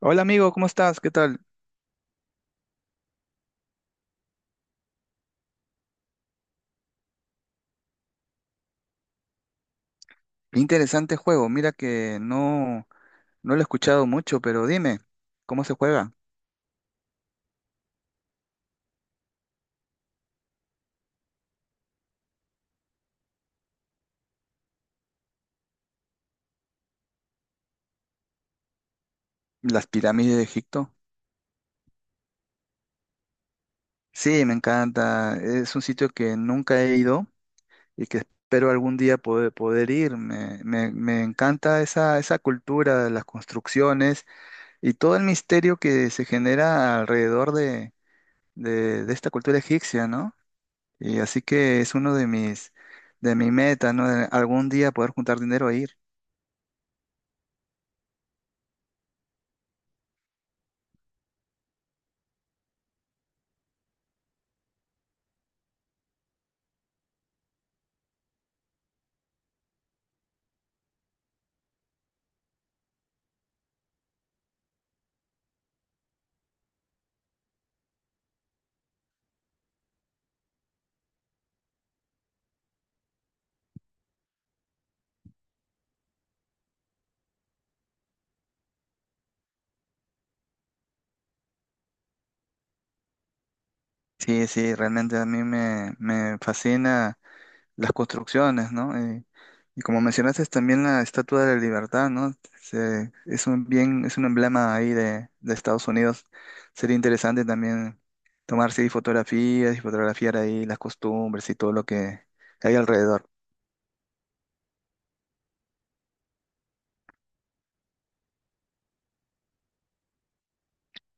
Hola amigo, ¿cómo estás? ¿Qué tal? Interesante juego. Mira que no, no lo he escuchado mucho, pero dime, ¿cómo se juega? ¿Las pirámides de Egipto? Sí, me encanta. Es un sitio que nunca he ido y que espero algún día poder ir. Me encanta esa, esa cultura, las construcciones y todo el misterio que se genera alrededor de esta cultura egipcia, ¿no? Y así que es uno de de mi meta, ¿no? De algún día poder juntar dinero e ir. Sí, sí, realmente a mí me fascina las construcciones, ¿no? Y como mencionaste, también la Estatua de la Libertad, ¿no? Es un bien, es un emblema ahí de Estados Unidos. Sería interesante también tomarse ahí fotografías y fotografiar ahí las costumbres y todo lo que hay alrededor.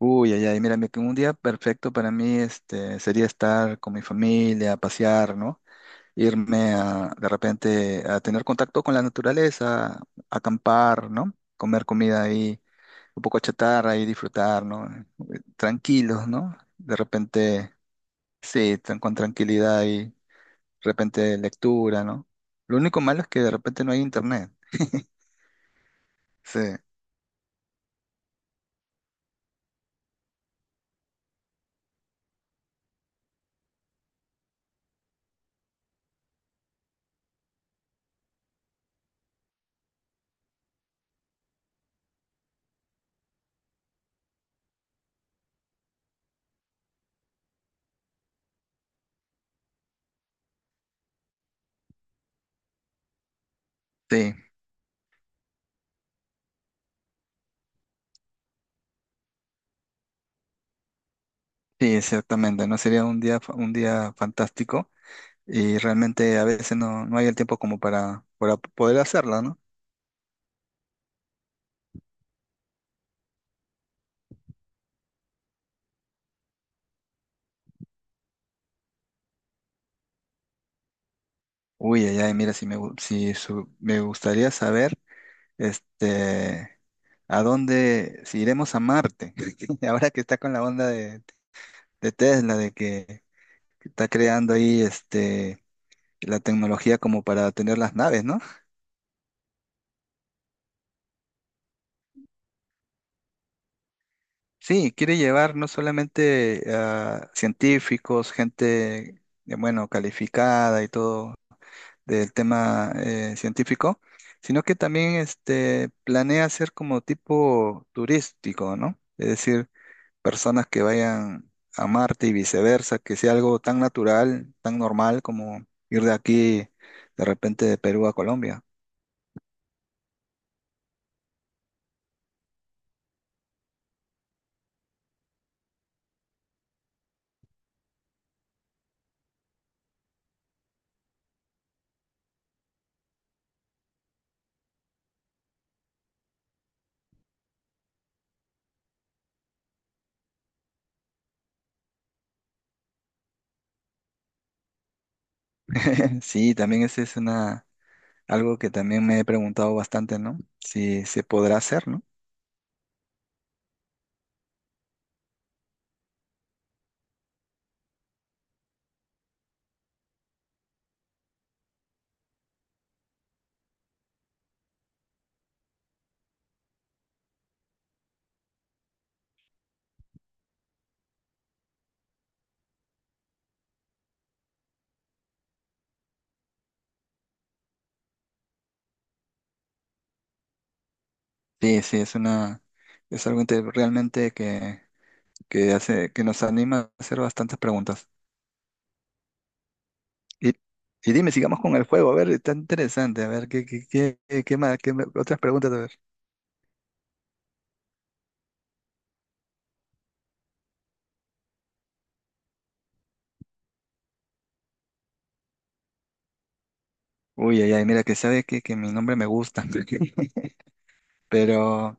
Uy, ay, ay, mira, un día perfecto para mí este, sería estar con mi familia, pasear, ¿no? Irme a, de repente a tener contacto con la naturaleza, acampar, ¿no? Comer comida ahí, un poco chatarra y disfrutar, ¿no? Tranquilos, ¿no? De repente, sí, con tranquilidad y de repente lectura, ¿no? Lo único malo es que de repente no hay internet. Sí, sí, sí, ciertamente, ¿no? Sería un un día fantástico y realmente a veces no, no hay el tiempo como para poder hacerlo, ¿no? Uy, ay, ay, mira, si me, gu- si su- me gustaría saber, este, a dónde, si iremos a Marte, ahora que está con la onda de Tesla, de que está creando ahí, la tecnología como para tener las naves, ¿no? Sí, quiere llevar no solamente a científicos, gente, bueno, calificada y todo del tema científico, sino que también, planea hacer como tipo turístico, ¿no? Es decir, personas que vayan a Marte y viceversa, que sea algo tan natural, tan normal como ir de aquí de repente de Perú a Colombia. Sí, también ese es una, algo que también me he preguntado bastante, ¿no? Si se podrá hacer, ¿no? Sí, sí, es una, es algo realmente que hace, que nos anima a hacer bastantes preguntas. Y, y dime, sigamos con el juego, a ver, está interesante, a ver, ¿ qué más, otras preguntas, a ver? Uy, ay, ay, mira, que sabe que mi nombre me gusta. Pero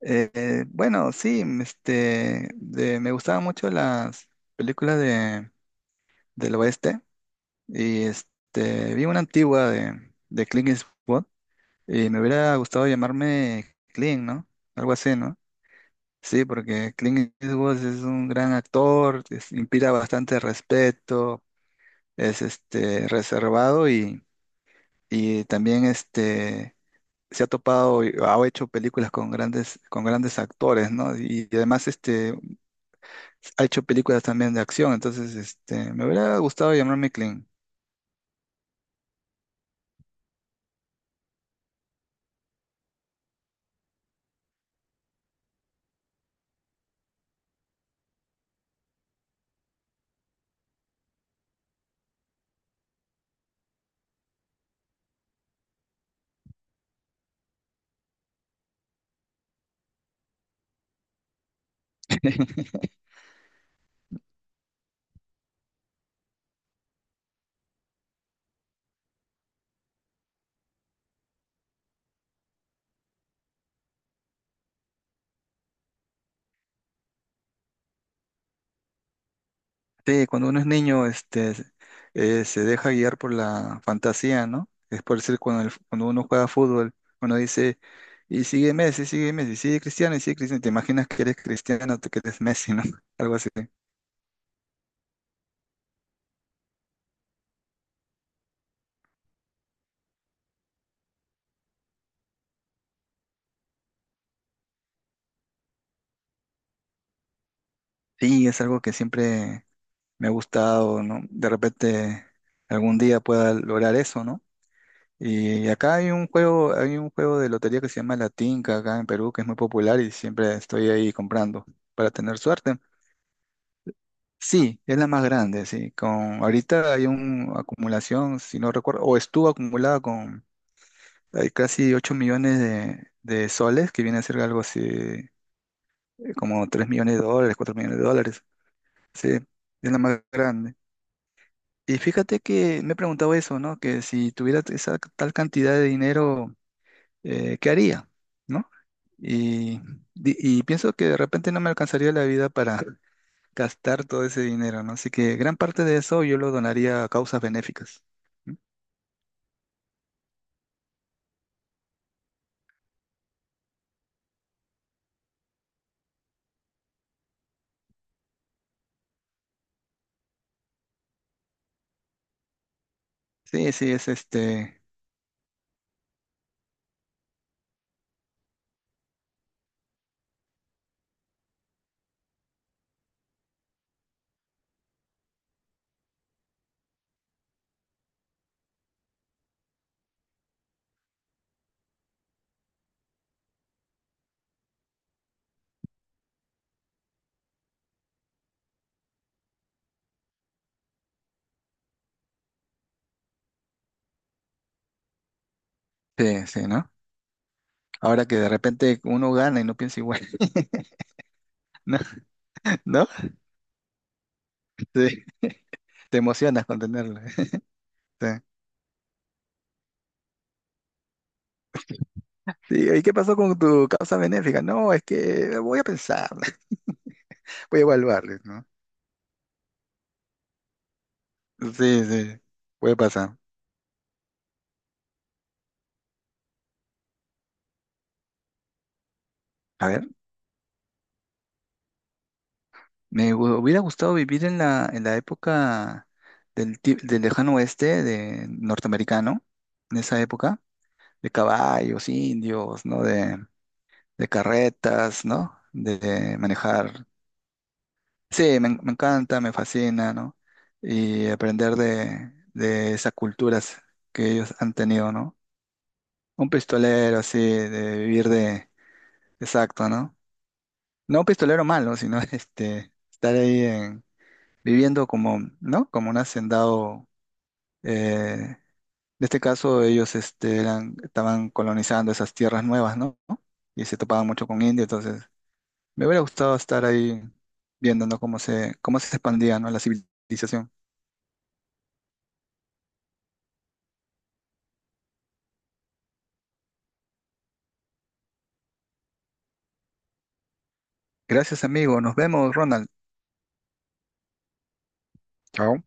bueno, sí, me gustaban mucho las películas del oeste y este, vi una antigua de Clint Eastwood y me hubiera gustado llamarme Clint, ¿no? Algo así, ¿no? Sí, porque Clint Eastwood es un gran actor, inspira bastante respeto, es este, reservado y también este, se ha topado y ha hecho películas con con grandes actores, ¿no? Y además este, ha hecho películas también de acción, entonces este, me hubiera gustado llamarme Clint. Sí, cuando uno es niño este, se deja guiar por la fantasía, ¿no? Es por decir, cuando uno juega fútbol, uno dice, y sigue Messi, sigue Messi, sigue Cristiano, y sigue Cristiano, te imaginas que eres Cristiano, que eres Messi, ¿no? Algo así. Sí, es algo que siempre me ha gustado, ¿no? De repente algún día pueda lograr eso, ¿no? Y acá hay un juego de lotería que se llama La Tinca acá en Perú, que es muy popular y siempre estoy ahí comprando para tener suerte. Sí, es la más grande, sí. Ahorita hay una acumulación, si no recuerdo, o estuvo acumulada con hay casi 8 millones de soles, que viene a ser algo así, como 3 millones de dólares, 4 millones de dólares. Sí, es la más grande. Y fíjate que me he preguntado eso, ¿no? Que si tuviera esa tal cantidad de dinero ¿qué haría? ¿No? Y, y pienso que de repente no me alcanzaría la vida para gastar todo ese dinero, ¿no? Así que gran parte de eso yo lo donaría a causas benéficas, ¿no? Sí, sí, es este, sí, sí, ¿no? Ahora que de repente uno gana y no piensa igual. ¿No? ¿No? Sí, te emocionas con tenerlo. Sí. Sí, ¿y qué pasó con tu causa benéfica? No, es que voy a pensar, voy a evaluarles, ¿no? Sí, sí, puede pasar. A ver. Hubiera gustado vivir en en la época del lejano oeste de norteamericano, en esa época, de caballos, indios, ¿no? De carretas, ¿no? De manejar. Sí, me encanta, me fascina, ¿no? Y aprender de esas culturas que ellos han tenido, ¿no? Un pistolero, así, de vivir de... Exacto, ¿no? No un pistolero malo, sino este, estar ahí viviendo como, ¿no? Como un hacendado. eh, en este caso, ellos este, eran, estaban colonizando esas tierras nuevas, ¿no? Y se topaban mucho con India, entonces me hubiera gustado estar ahí viendo, ¿no? Cómo se expandía, ¿no? la civilización. Gracias, amigo. Nos vemos, Ronald. Chao.